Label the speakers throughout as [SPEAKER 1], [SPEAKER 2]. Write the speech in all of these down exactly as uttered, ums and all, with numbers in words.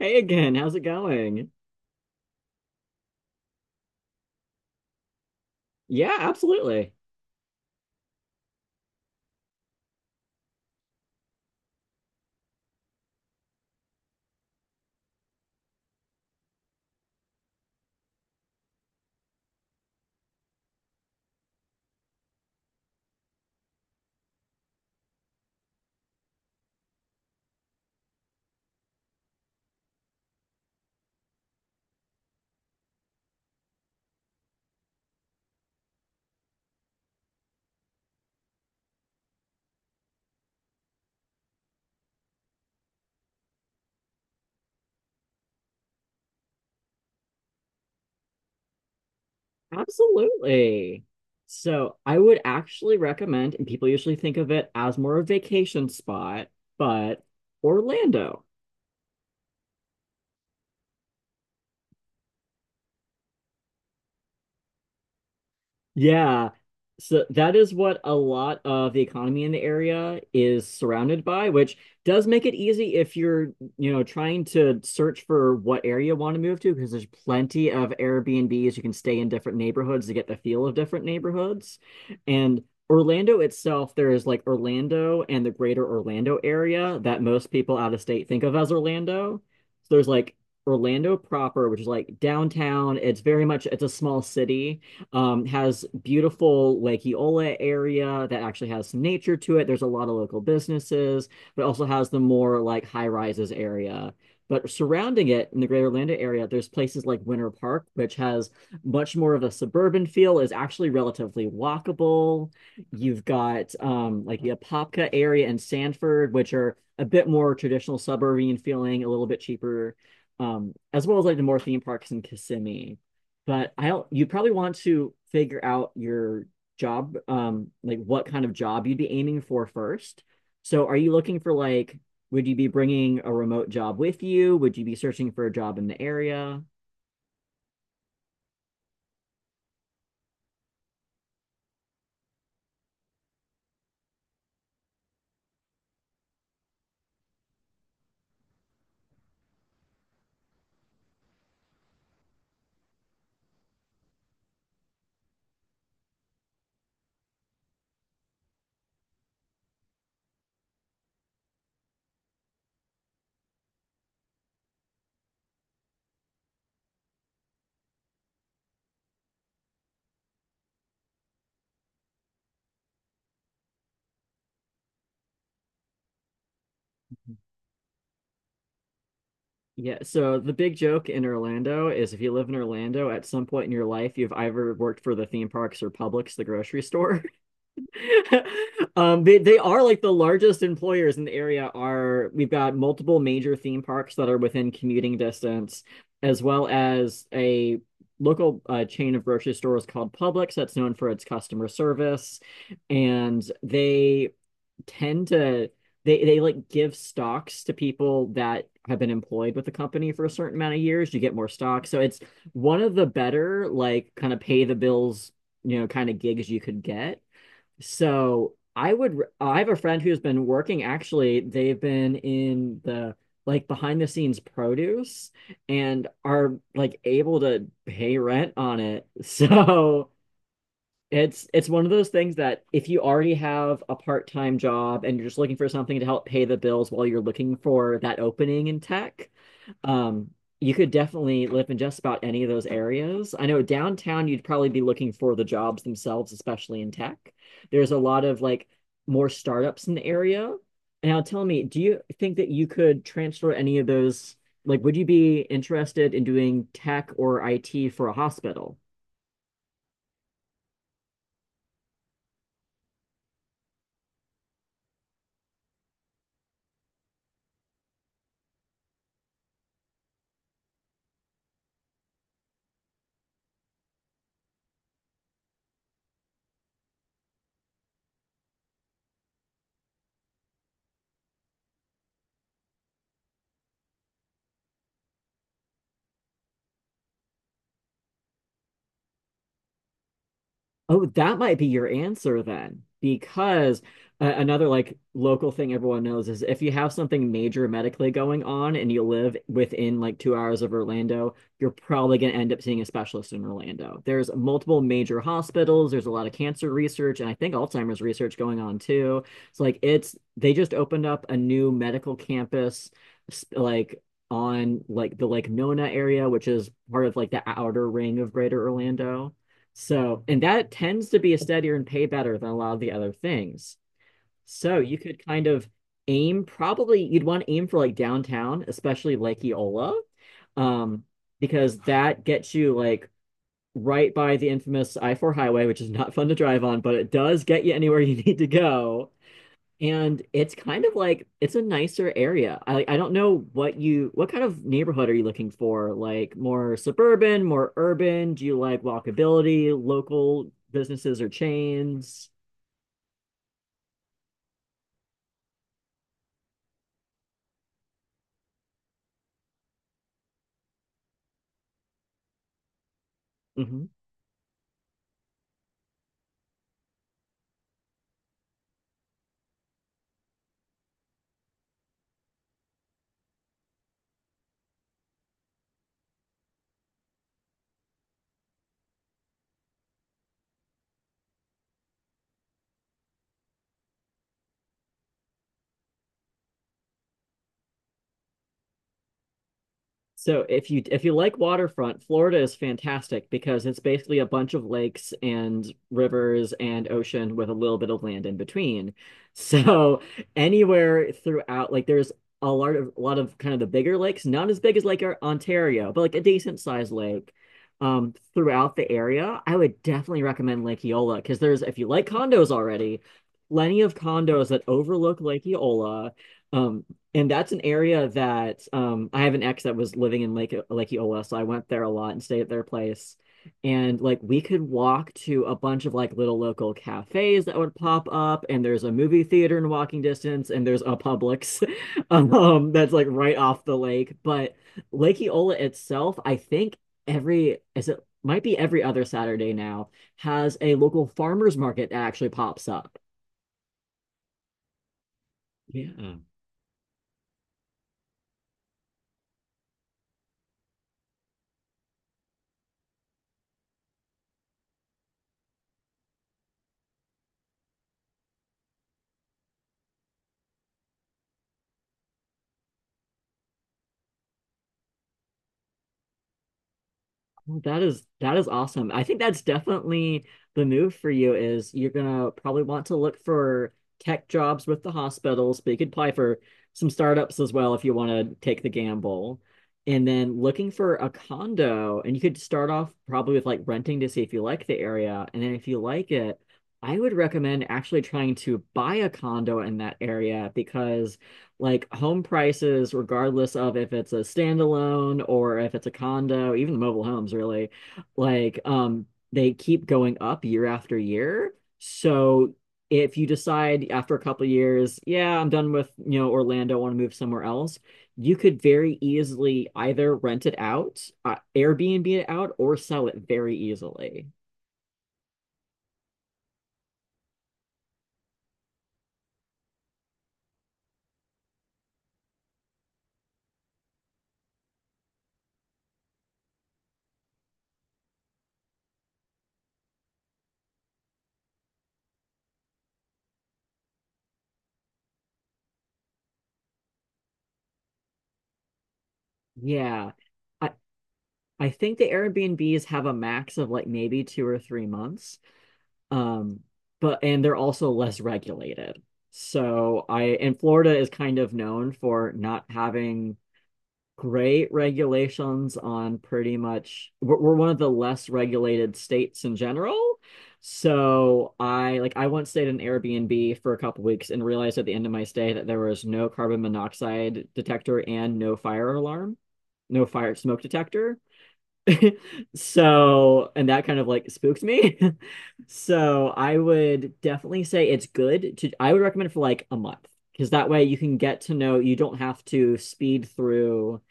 [SPEAKER 1] Hey again, how's it going? Yeah, absolutely. Absolutely. So I would actually recommend, and people usually think of it as more of a vacation spot, but Orlando. Yeah. So that is what a lot of the economy in the area is surrounded by, which does make it easy if you're, you know, trying to search for what area you want to move to, because there's plenty of Airbnbs. You can stay in different neighborhoods to get the feel of different neighborhoods. And Orlando itself, there is like Orlando and the greater Orlando area that most people out of state think of as Orlando. So there's like Orlando proper, which is like downtown. It's very much, it's a small city, um, has beautiful Lake Eola area that actually has some nature to it. There's a lot of local businesses, but also has the more like high rises area. But surrounding it in the greater Orlando area, there's places like Winter Park, which has much more of a suburban feel, is actually relatively walkable. You've got um, like the Apopka area and Sanford, which are a bit more traditional suburban feeling, a little bit cheaper, um, as well as like the more theme parks in Kissimmee but I don't. You probably want to figure out your job, um, like what kind of job you'd be aiming for first. So, are you looking for like, would you be bringing a remote job with you? Would you be searching for a job in the area? Yeah, so the big joke in Orlando is if you live in Orlando, at some point in your life, you've either worked for the theme parks or Publix, the grocery store. Um, they they are like the largest employers in the area are we've got multiple major theme parks that are within commuting distance, as well as a local uh, chain of grocery stores called Publix that's known for its customer service, and they tend to they they like give stocks to people that have been employed with the company for a certain amount of years. You get more stock, so it's one of the better like kind of pay the bills, you know, kind of gigs you could get. So I would, I have a friend who's been working, actually, they've been in the like behind the scenes produce and are like able to pay rent on it. So it's it's one of those things that if you already have a part-time job and you're just looking for something to help pay the bills while you're looking for that opening in tech, um, you could definitely live in just about any of those areas. I know downtown you'd probably be looking for the jobs themselves, especially in tech. There's a lot of like more startups in the area. Now tell me, do you think that you could transfer any of those? Like, would you be interested in doing tech or I T for a hospital? Oh, that might be your answer then, because uh, another like local thing everyone knows is if you have something major medically going on and you live within like two hours of Orlando, you're probably going to end up seeing a specialist in Orlando. There's multiple major hospitals. There's a lot of cancer research, and I think Alzheimer's research going on too. So like it's they just opened up a new medical campus, sp- like on like the Lake Nona area, which is part of like the outer ring of Greater Orlando. So, and that tends to be a steadier and pay better than a lot of the other things. So you could kind of aim, probably you'd want to aim for like downtown, especially Lake Eola, um, because that gets you like right by the infamous I four highway, which is not fun to drive on, but it does get you anywhere you need to go. And it's kind of like it's a nicer area. I I don't know what you what kind of neighborhood are you looking for? Like more suburban, more urban? Do you like walkability, local businesses or chains? Mhm. So if you if you like waterfront, Florida is fantastic because it's basically a bunch of lakes and rivers and ocean with a little bit of land in between. So anywhere throughout, like there's a lot of a lot of kind of the bigger lakes, not as big as like our Ontario, but like a decent sized lake um throughout the area. I would definitely recommend Lake Eola because there's if you like condos already, plenty of condos that overlook Lake Eola. Um, and that's an area that um I have an ex that was living in Lake Lake Eola, so I went there a lot and stayed at their place. And like we could walk to a bunch of like little local cafes that would pop up, and there's a movie theater in walking distance, and there's a Publix um that's like right off the lake. But Lake Eola itself, I think every is it might be every other Saturday now, has a local farmers market that actually pops up. Yeah. Well, that is that is awesome. I think that's definitely the move for you is you're gonna probably want to look for tech jobs with the hospitals, but you could apply for some startups as well if you want to take the gamble. And then looking for a condo, and you could start off probably with like renting to see if you like the area. And then if you like it, I would recommend actually trying to buy a condo in that area because like home prices, regardless of if it's a standalone or if it's a condo, even the mobile homes really, like um they keep going up year after year. So if you decide after a couple of years, yeah, I'm done with, you know, Orlando, I want to move somewhere else, you could very easily either rent it out, uh, Airbnb it out, or sell it very easily. Yeah. I I think the Airbnbs have a max of like maybe two or three months. Um, but and they're also less regulated. So I and Florida is kind of known for not having great regulations on pretty much we're, we're one of the less regulated states in general. So I like I once stayed in Airbnb for a couple weeks and realized at the end of my stay that there was no carbon monoxide detector and no fire alarm, no fire smoke detector. So, and that kind of like spooked me. So, I would definitely say it's good to, I would recommend it for like a month because that way you can get to know, you don't have to speed through.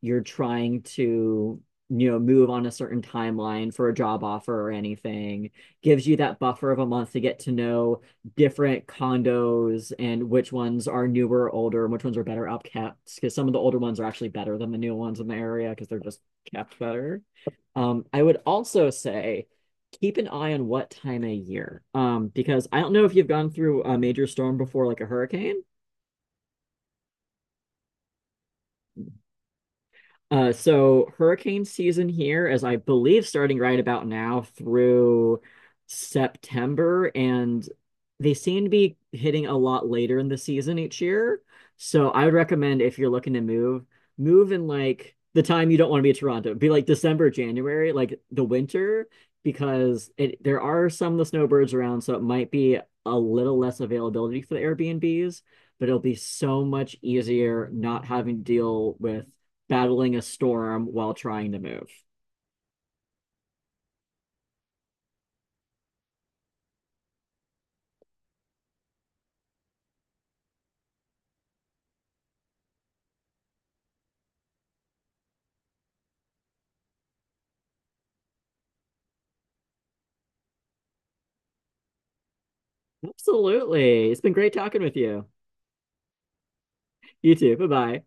[SPEAKER 1] You're trying to, you know, move on a certain timeline for a job offer or anything. Gives you that buffer of a month to get to know different condos and which ones are newer, older, and which ones are better upkept. Because some of the older ones are actually better than the new ones in the area because they're just kept better. Um, I would also say keep an eye on what time of year, um, because I don't know if you've gone through a major storm before, like a hurricane. Uh, so hurricane season here is, I believe, starting right about now through September, and they seem to be hitting a lot later in the season each year. So I would recommend if you're looking to move, move in like the time you don't want to be in Toronto. Be like December, January, like the winter, because it, there are some of the snowbirds around, so it might be a little less availability for the Airbnbs, but it'll be so much easier not having to deal with battling a storm while trying to move. Absolutely. It's been great talking with you. You too. Bye bye.